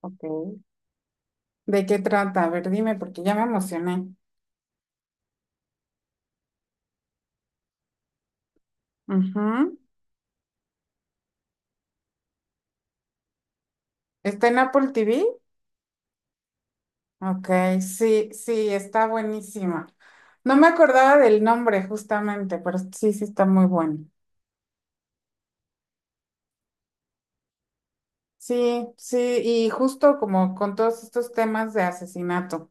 Ok. ¿De qué trata? A ver, dime, porque ya me emocioné. Ujú. ¿Está en Apple TV? Ok, sí, sí, está buenísima. No me acordaba del nombre justamente, pero sí, sí está muy bueno. Sí, sí, y justo como con todos estos temas de asesinato.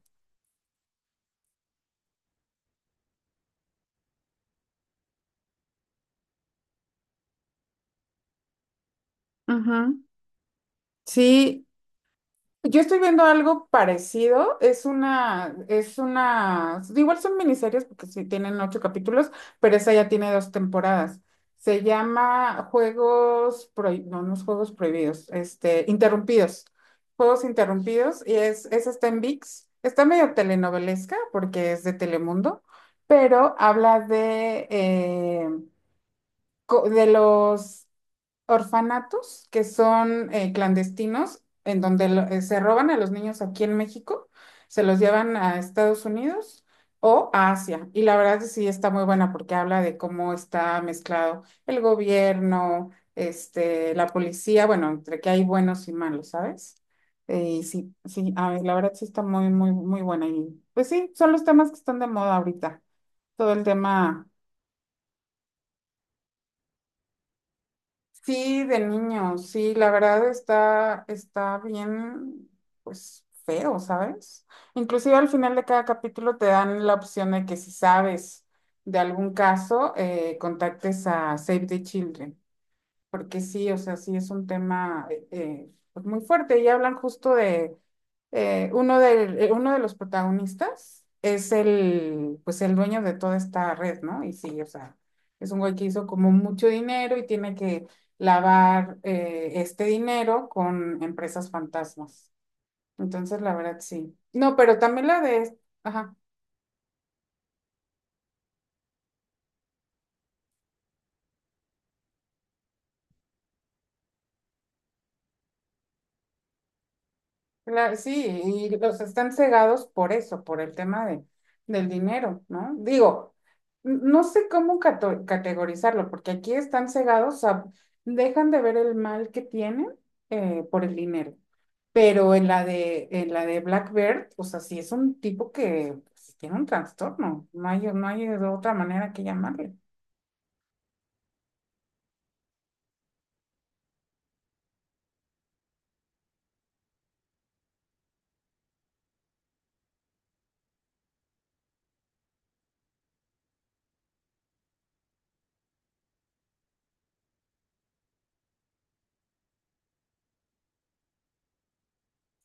Ujú. Sí, yo estoy viendo algo parecido, es una, igual son miniseries porque sí tienen ocho capítulos, pero esa ya tiene dos temporadas. Se llama Juegos Prohibidos, no, no es Juegos Prohibidos, Interrumpidos, Juegos Interrumpidos, y es, esa está en VIX, está medio telenovelesca porque es de Telemundo, pero habla de, de los orfanatos que son clandestinos, en donde se roban a los niños aquí en México, se los llevan a Estados Unidos o a Asia. Y la verdad es que sí está muy buena porque habla de cómo está mezclado el gobierno, este, la policía, bueno, entre que hay buenos y malos, ¿sabes? Y sí, sí, a ver, la verdad sí está muy, muy, muy buena. Y pues sí, son los temas que están de moda ahorita. Todo el tema. Sí, de niños, sí, la verdad está, está bien, pues feo, ¿sabes? Inclusive al final de cada capítulo te dan la opción de que si sabes de algún caso, contactes a Save the Children porque sí, o sea, sí es un tema pues muy fuerte y hablan justo de uno de los protagonistas es el, pues el dueño de toda esta red, ¿no? Y sí, o sea, es un güey que hizo como mucho dinero y tiene que lavar este dinero con empresas fantasmas. Entonces, la verdad, sí. No, pero también la de, ajá. Claro, sí, y los están cegados por eso, por el tema de, del dinero, ¿no? Digo, no sé cómo categorizarlo, porque aquí están cegados, o sea, dejan de ver el mal que tienen por el dinero. Pero en la de Black Bear, o sea, sí es un tipo que pues, tiene un trastorno, no hay, no hay de otra manera que llamarle.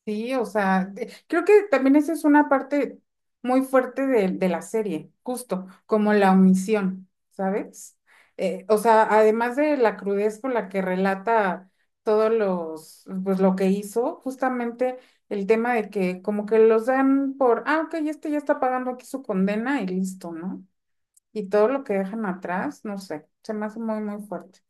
Sí, o sea, creo que también esa es una parte muy fuerte de la serie, justo, como la omisión, ¿sabes? O sea, además de la crudez con la que relata todos los, pues lo que hizo, justamente el tema de que como que los dan por, ah, ok, este ya está pagando aquí su condena y listo, ¿no? Y todo lo que dejan atrás, no sé, se me hace muy, muy fuerte.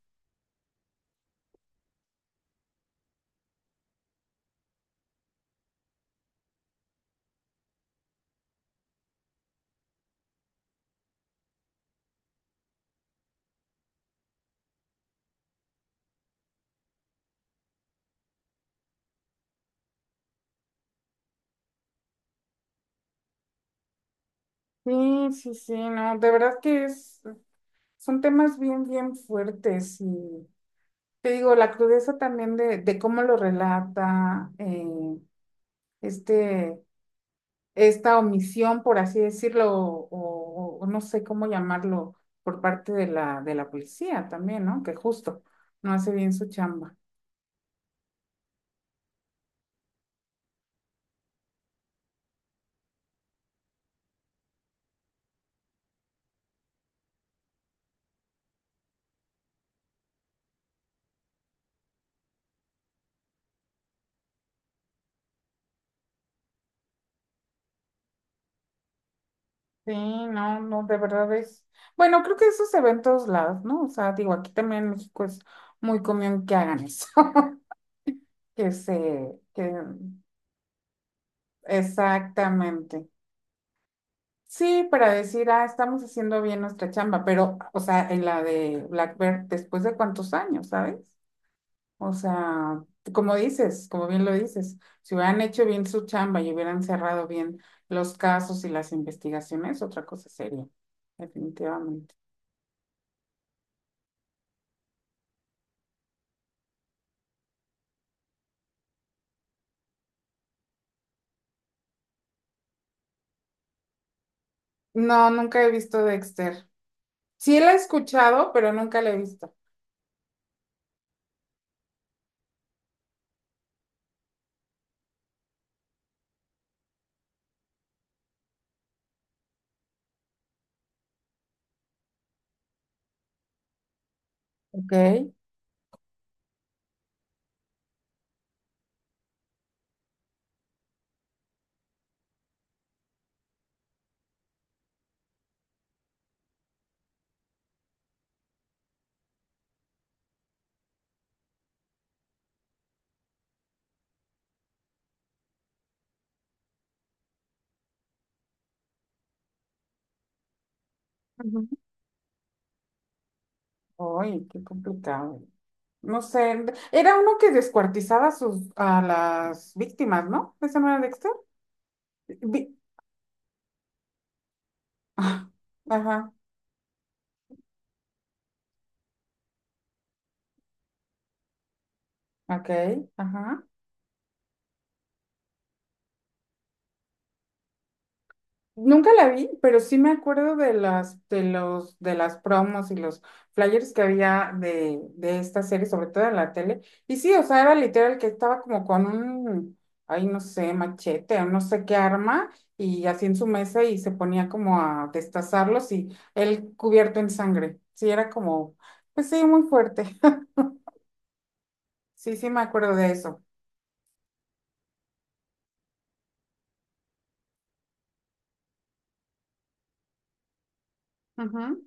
Sí, sí, sí, no, de verdad que es, son temas bien, bien fuertes y... Te digo, la crudeza también de cómo lo relata, este, esta omisión, por así decirlo, o, o no sé cómo llamarlo, por parte de la policía también, ¿no? Que justo no hace bien su chamba. Sí, no, no, de verdad es. Bueno, creo que eso se ve en todos lados, ¿no? O sea, digo, aquí también en México es muy común que hagan eso. Que se, que, exactamente. Sí, para decir, ah, estamos haciendo bien nuestra chamba, pero, o sea, en la de Blackbird, después de cuántos años, ¿sabes? O sea, como dices, como bien lo dices, si hubieran hecho bien su chamba y hubieran cerrado bien los casos y las investigaciones, otra cosa seria, definitivamente. No, nunca he visto Dexter. Sí la he escuchado, pero nunca la he visto. Ok. Ujú. Ay, qué complicado. No sé, era uno que descuartizaba sus, a las víctimas, ¿no? ¿Ese no era Dexter? Vi- Ah, ajá, ok, ajá. Nunca la vi, pero sí me acuerdo de las, de los, de las promos y los flyers que había de esta serie, sobre todo en la tele. Y sí, o sea, era literal que estaba como con un, ay, no sé, machete o no sé qué arma, y así en su mesa y se ponía como a destazarlos y él cubierto en sangre. Sí, era como, pues sí, muy fuerte. Sí, sí me acuerdo de eso. Ujú.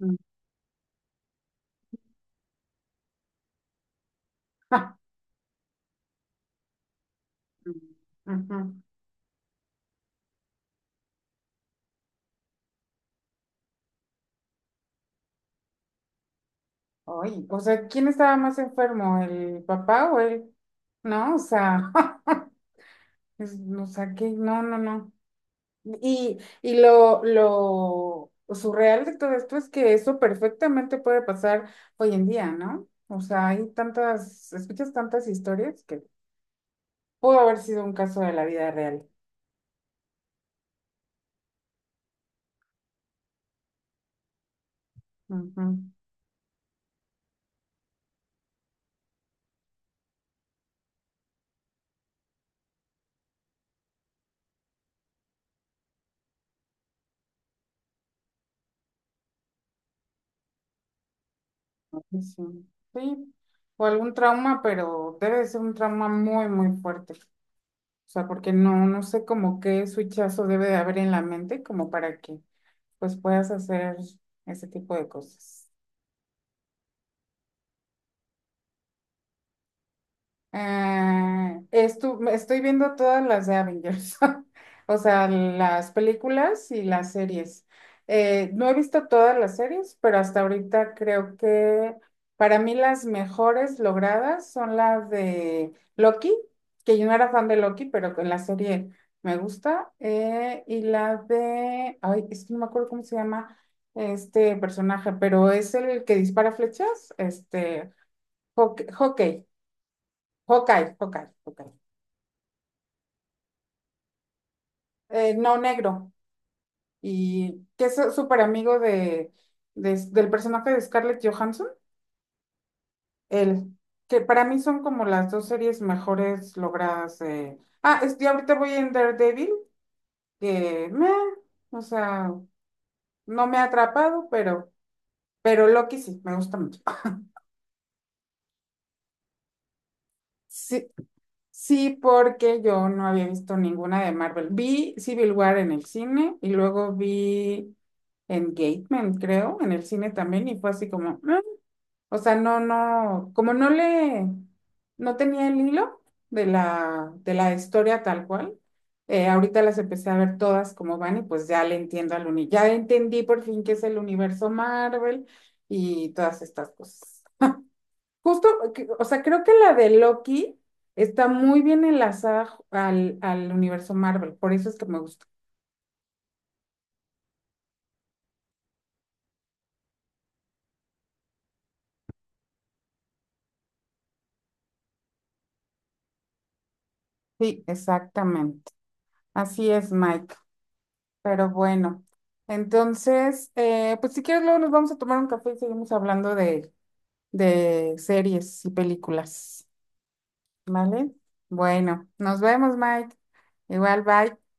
Mm. Ujú. Ay, o sea, ¿quién estaba más enfermo, el papá o él? No, o sea, o sea, que no, no, no. Y, y lo surreal de todo esto es que eso perfectamente puede pasar hoy en día, ¿no? O sea, hay tantas, escuchas tantas historias que pudo haber sido un caso de la vida real. Ujú. Sí, sí. Sí, o algún trauma, pero debe de ser un trauma muy, muy fuerte. O sea, porque no, no sé como qué switchazo debe de haber en la mente como para que pues puedas hacer ese tipo de cosas. Ah, estoy viendo todas las de Avengers, o sea, las películas y las series. No he visto todas las series, pero hasta ahorita creo que para mí las mejores logradas son las de Loki, que yo no era fan de Loki, pero con la serie me gusta, y la de, ay, es que no me acuerdo cómo se llama este personaje, pero es el que dispara flechas, este, Hawkeye. Hawkeye, Hawkeye, Hawkeye. No negro. Y que es súper amigo de, del personaje de Scarlett Johansson. Él. Que para mí son como las dos series mejores logradas. Ah, es, ahorita voy en Daredevil, que meh, o sea, no me ha atrapado, pero Loki sí, me gusta mucho. Sí, sí, porque yo no había visto ninguna de Marvel. Vi Civil War en el cine y luego vi Engagement, creo, en el cine también y fue así como, "Mm". O sea, no, no, como no le, no tenía el hilo de la historia tal cual. Ahorita las empecé a ver todas como van y pues ya le entiendo al uni, ya entendí por fin qué es el universo Marvel y todas estas cosas. Justo, o sea, creo que la de Loki está muy bien enlazada al, al universo Marvel, por eso es que me gusta. Sí, exactamente. Así es, Mike. Pero bueno, entonces, pues si quieres, luego nos vamos a tomar un café y seguimos hablando de series y películas. ¿Vale? Bueno, nos vemos, Mike. Igual, bye.